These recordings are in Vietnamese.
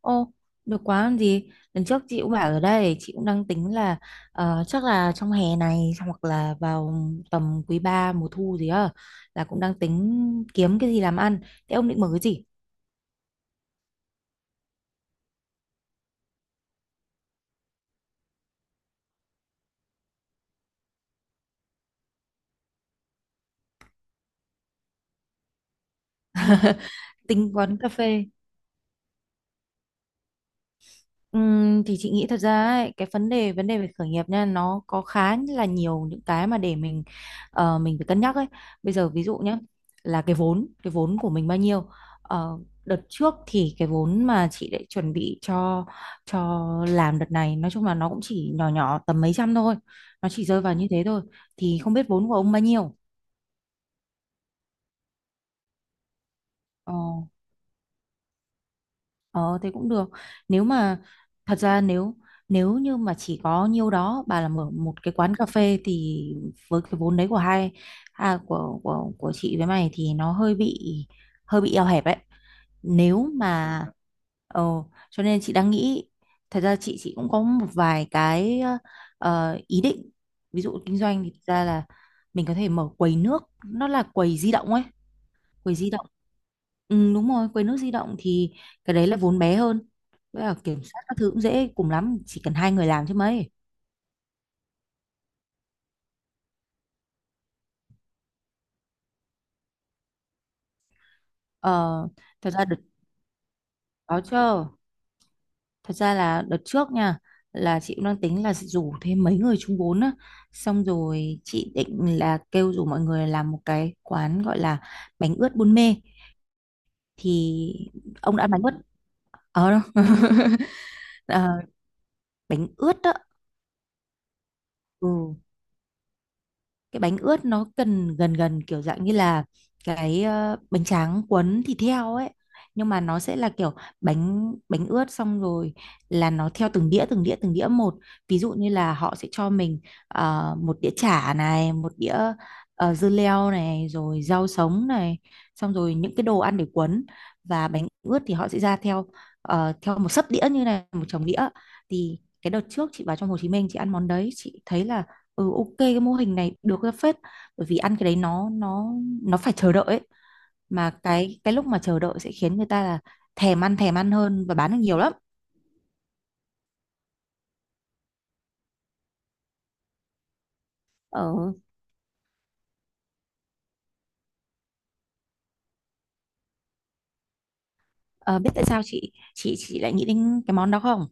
Ô, được quá làm gì? Lần trước chị cũng bảo rồi đây, chị cũng đang tính là chắc là trong hè này hoặc là vào tầm quý 3 mùa thu gì á, là cũng đang tính kiếm cái gì làm ăn. Thế ông định mở cái gì? Tính quán cà phê. Thì chị nghĩ thật ra ấy, cái vấn đề về khởi nghiệp nha, nó có khá là nhiều những cái mà để mình mình phải cân nhắc ấy. Bây giờ ví dụ nhé, là cái vốn của mình bao nhiêu. Ờ, Đợt trước thì cái vốn mà chị để chuẩn bị cho làm đợt này nói chung là nó cũng chỉ nhỏ nhỏ tầm mấy trăm thôi, nó chỉ rơi vào như thế thôi. Thì không biết vốn của ông bao nhiêu. Ờ, Ờ thế cũng được. Nếu mà Thật ra, nếu nếu như mà chỉ có nhiêu đó bà là mở một cái quán cà phê, thì với cái vốn đấy của chị với mày, thì nó hơi bị eo hẹp ấy. Nếu mà ờ Cho nên chị đang nghĩ, thật ra chị cũng có một vài cái ý định. Ví dụ kinh doanh thì thật ra là mình có thể mở quầy nước, nó là quầy di động ấy. Quầy di động, ừ, đúng rồi, quầy nước di động thì cái đấy là vốn bé hơn, với cả kiểm soát các thứ cũng dễ, cùng lắm chỉ cần hai người làm chứ mấy. Ờ, thật ra đợt đó chưa, Thật ra là đợt trước nha, là chị cũng đang tính là sẽ rủ thêm mấy người chung vốn á, xong rồi chị định là kêu rủ mọi người làm một cái quán gọi là bánh ướt Buôn Mê. Thì ông đã ăn bánh ướt ờ, Ờ, bánh ướt đó. Ừ. Cái bánh ướt nó cần gần gần kiểu dạng như là cái bánh tráng cuốn thịt heo ấy, nhưng mà nó sẽ là kiểu bánh bánh ướt. Xong rồi là nó theo từng đĩa, từng đĩa, từng đĩa một. Ví dụ như là họ sẽ cho mình một đĩa chả này, một đĩa dưa leo này, rồi rau sống này, xong rồi những cái đồ ăn để cuốn, và bánh ướt thì họ sẽ ra theo theo một sấp đĩa như này, một chồng đĩa. Thì cái đợt trước chị vào trong Hồ Chí Minh chị ăn món đấy, chị thấy là ok, cái mô hình này được ra phết. Bởi vì ăn cái đấy, nó nó phải chờ đợi ấy. Mà cái lúc mà chờ đợi sẽ khiến người ta là thèm ăn, thèm ăn hơn, và bán được nhiều lắm. ờ, ờ Biết tại sao chị lại nghĩ đến cái món đó không?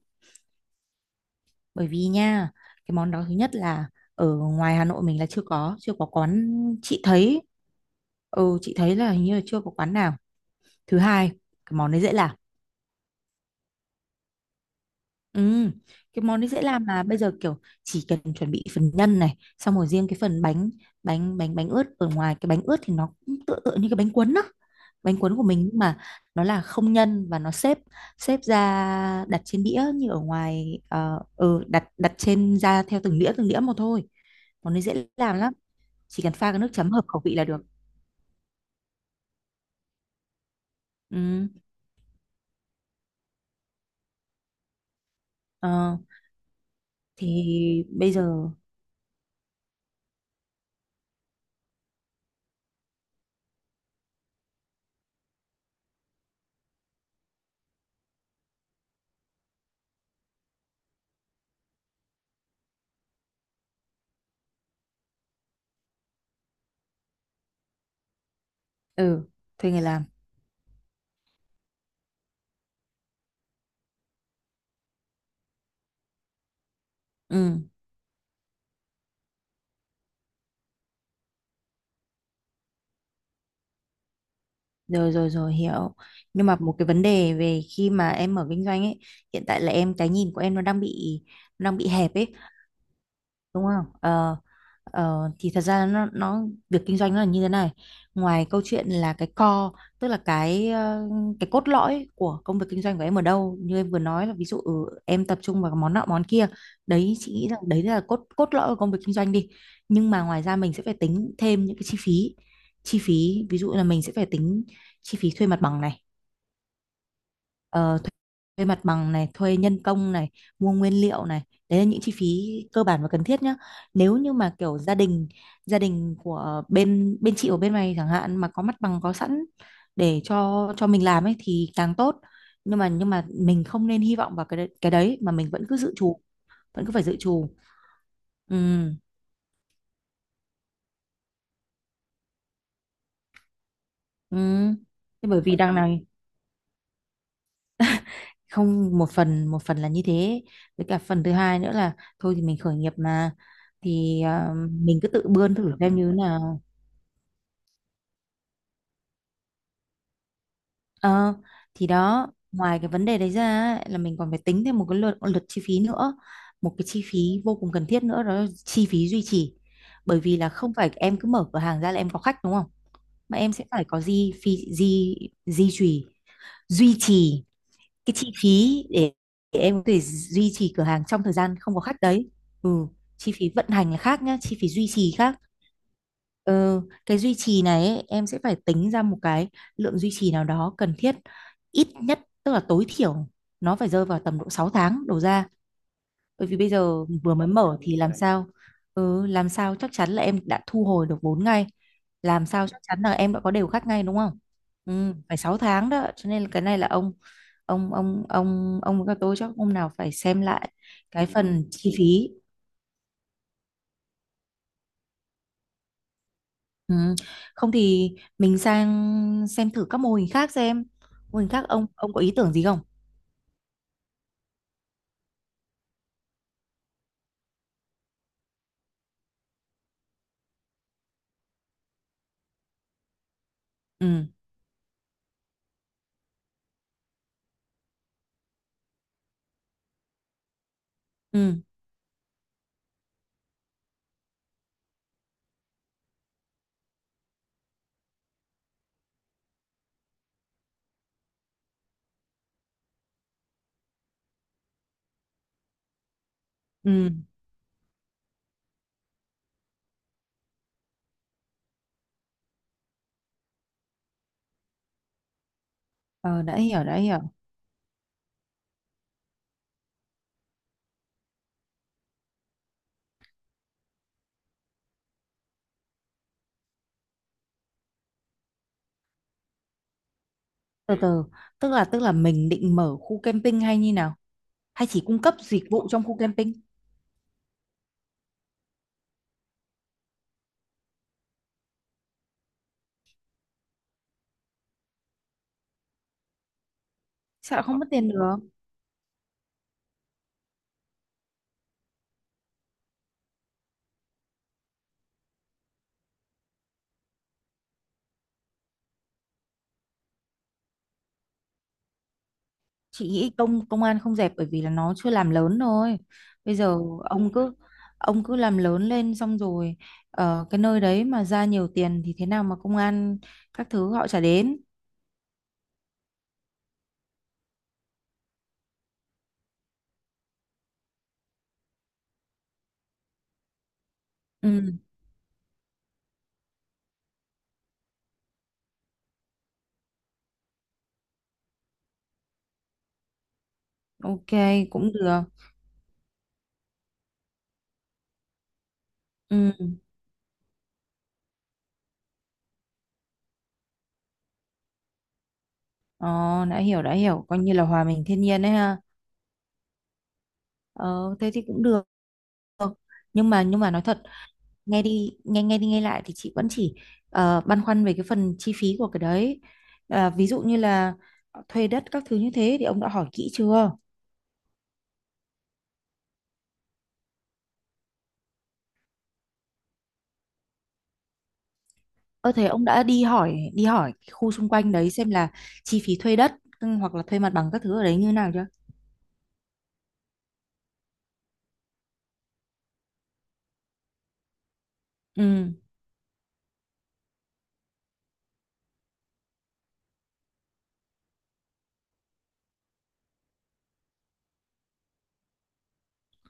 Bởi vì nha, cái món đó thứ nhất là ở ngoài Hà Nội mình là chưa có quán. chị thấy chị thấy là hình như là chưa có quán nào. Thứ hai, cái món đấy dễ làm. Ừ, cái món đấy dễ làm là bây giờ kiểu chỉ cần chuẩn bị phần nhân này, xong rồi riêng cái phần bánh bánh bánh bánh ướt, ở ngoài cái bánh ướt thì nó cũng tựa tựa như cái bánh cuốn đó. Bánh cuốn của mình nhưng mà nó là không nhân, và nó xếp xếp ra đặt trên đĩa, như ở ngoài đặt đặt trên, ra theo từng đĩa, từng đĩa một thôi. Món đấy dễ làm lắm, chỉ cần pha cái nước chấm hợp khẩu vị là được. Ừ, ờ, thì bây giờ ừ thuê người làm. Ừ. Rồi, rồi, rồi, hiểu. Nhưng mà một cái vấn đề về khi mà em mở kinh doanh ấy, hiện tại là cái nhìn của em nó đang bị hẹp ấy, đúng không? Ờ, thì thật ra nó việc kinh doanh nó là như thế này. Ngoài câu chuyện là cái core, tức là cái cốt lõi của công việc kinh doanh của em ở đâu, như em vừa nói là ví dụ em tập trung vào món nọ món kia, đấy chị nghĩ rằng đấy là cốt cốt lõi của công việc kinh doanh đi. Nhưng mà ngoài ra mình sẽ phải tính thêm những cái chi phí ví dụ là mình sẽ phải tính chi phí thuê mặt bằng này. Ờ, thuê thuê mặt bằng này, thuê nhân công này, mua nguyên liệu này, đấy là những chi phí cơ bản và cần thiết nhá. Nếu như mà kiểu gia đình của bên bên chị ở bên mày chẳng hạn, mà có mặt bằng có sẵn để cho mình làm ấy, thì càng tốt. nhưng mà mình không nên hy vọng vào cái đấy, mà mình vẫn cứ dự trù, vẫn cứ phải dự trù. Ừ, ừ. Thế bởi vì đằng này, không, một phần là như thế, với cả phần thứ hai nữa là, thôi thì mình khởi nghiệp mà, thì mình cứ tự bươn thử xem như thế nào. Ờ, thì đó, ngoài cái vấn đề đấy ra ấy, là mình còn phải tính thêm một cái lượt lượt chi phí nữa, một cái chi phí vô cùng cần thiết nữa, đó là chi phí duy trì. Bởi vì là không phải em cứ mở cửa hàng ra là em có khách đúng không, mà em sẽ phải có gì, phí gì duy trì duy trì cái chi phí để em có thể duy trì cửa hàng trong thời gian không có khách đấy. Ừ, chi phí vận hành là khác nhá, chi phí duy trì khác. Ờ, cái duy trì này ấy, em sẽ phải tính ra một cái lượng duy trì nào đó cần thiết, ít nhất, tức là tối thiểu nó phải rơi vào tầm độ 6 tháng đổ ra. Bởi vì bây giờ vừa mới mở thì làm sao, làm sao chắc chắn là em đã thu hồi được vốn ngay, làm sao chắc chắn là em đã có đều khách ngay đúng không? Phải 6 tháng đó, cho nên là cái này là ông, ông với các tôi chắc hôm nào phải xem lại cái phần chi phí. Ừ. Không thì mình sang xem thử các mô hình khác xem. Mô hình khác, ông có ý tưởng gì không? Ừ, ừ, ừ. Ờ, đã hiểu, đã hiểu. Từ từ, tức là mình định mở khu camping hay như nào, hay chỉ cung cấp dịch vụ trong khu camping? Sao lại không mất tiền được? Chị nghĩ công công an không dẹp bởi vì là nó chưa làm lớn thôi. Bây giờ ông cứ ông cứ làm lớn lên, xong rồi ở cái nơi đấy mà ra nhiều tiền thì thế nào mà công an các thứ họ chả đến. ừ ok, cũng được. Ừ. ờ, đã hiểu, đã hiểu, coi như là hòa mình thiên nhiên đấy ha. Ờ, Thế thì cũng được. Nhưng mà nói thật, nghe đi nghe lại thì chị vẫn chỉ băn khoăn về cái phần chi phí của cái đấy. À, ví dụ như là thuê đất các thứ như thế thì ông đã hỏi kỹ chưa? Ơ thế ông đã đi hỏi, đi hỏi khu xung quanh đấy xem là chi phí thuê đất, hoặc là thuê mặt bằng các thứ ở đấy như nào chưa? Ừ.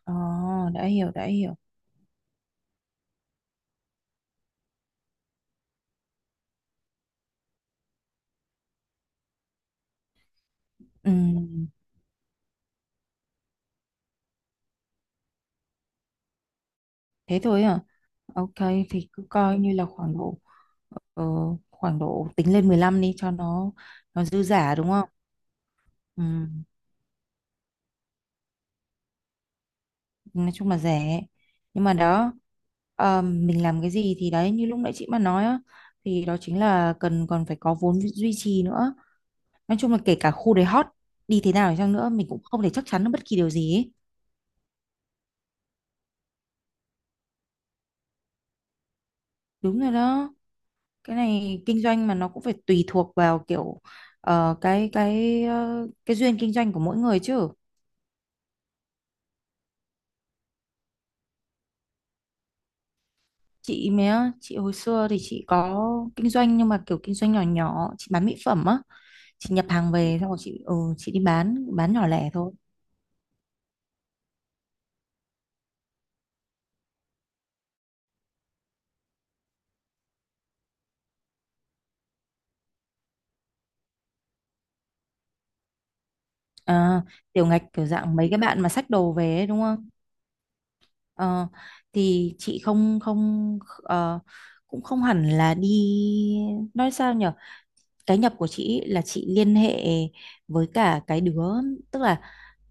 ờ đã hiểu, đã hiểu. Ừ, thế thôi à? Ok, thì cứ coi như là ờ, khoảng độ tính lên 15 đi, cho nó dư giả đúng không? Ừ, nói chung là rẻ. Nhưng mà đó, mình làm cái gì thì đấy như lúc nãy chị mà nói á, thì đó chính là cần, còn phải có vốn duy trì nữa. Nói chung là kể cả khu đấy hot đi, thế nào đi chăng nữa mình cũng không thể chắc chắn được bất kỳ điều gì ấy. Đúng rồi đó, cái này kinh doanh mà nó cũng phải tùy thuộc vào kiểu cái cái duyên kinh doanh của mỗi người chứ. Chị hồi xưa thì chị có kinh doanh, nhưng mà kiểu kinh doanh nhỏ nhỏ, chị bán mỹ phẩm á. Chị nhập hàng về, xong rồi chị đi bán nhỏ lẻ thôi. À, tiểu ngạch kiểu dạng mấy cái bạn mà xách đồ về ấy, đúng không. Ờ, thì chị không không cũng không hẳn là đi, nói sao nhở, cái nhập của chị ý là chị liên hệ với cả cái đứa, tức là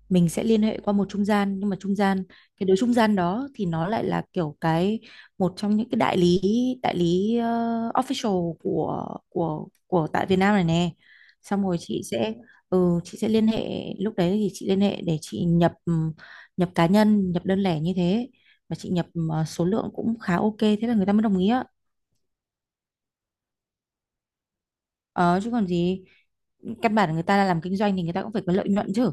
mình sẽ liên hệ qua một trung gian, nhưng mà trung gian, cái đứa trung gian đó thì nó lại là kiểu cái một trong những cái đại lý, đại lý official của tại Việt Nam này nè. Xong rồi chị sẽ liên hệ, lúc đấy thì chị liên hệ để chị nhập nhập cá nhân, nhập đơn lẻ như thế, và chị nhập số lượng cũng khá ok, thế là người ta mới đồng ý á. Ờ, Chứ còn gì, căn bản người ta là làm kinh doanh thì người ta cũng phải có lợi nhuận chứ.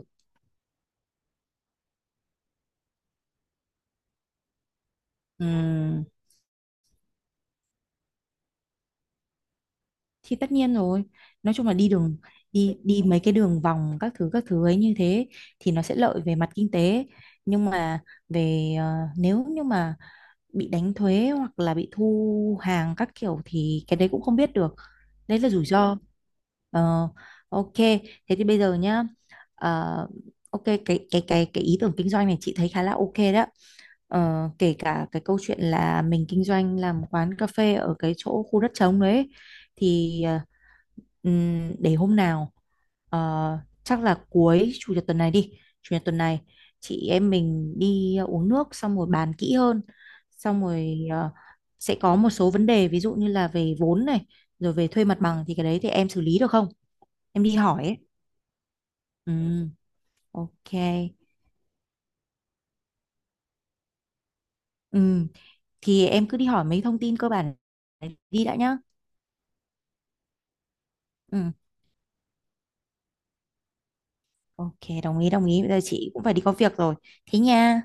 Ừ. Thì tất nhiên rồi, nói chung là đi mấy cái đường vòng, các thứ ấy như thế, thì nó sẽ lợi về mặt kinh tế. Nhưng mà về ờ, nếu như mà bị đánh thuế hoặc là bị thu hàng các kiểu thì cái đấy cũng không biết được, đấy là rủi ro. Ờ, ok, thế thì bây giờ nhá, ờ, ok, cái ý tưởng kinh doanh này chị thấy khá là ok đó. Ờ, kể cả cái câu chuyện là mình kinh doanh làm quán cà phê ở cái chỗ khu đất trống đấy thì ừm, để hôm nào ờ, chắc là cuối chủ nhật tuần này đi, chủ nhật tuần này chị em mình đi uống nước xong rồi bàn kỹ hơn. Xong rồi sẽ có một số vấn đề, ví dụ như là về vốn này, rồi về thuê mặt bằng, thì cái đấy thì em xử lý được không? Em đi hỏi ấy. Ừm, ok. Ừm, thì em cứ đi hỏi mấy thông tin cơ bản này đi đã nhá. Ừm, ok, đồng ý, đồng ý. Bây giờ chị cũng phải đi có việc rồi, thế nha.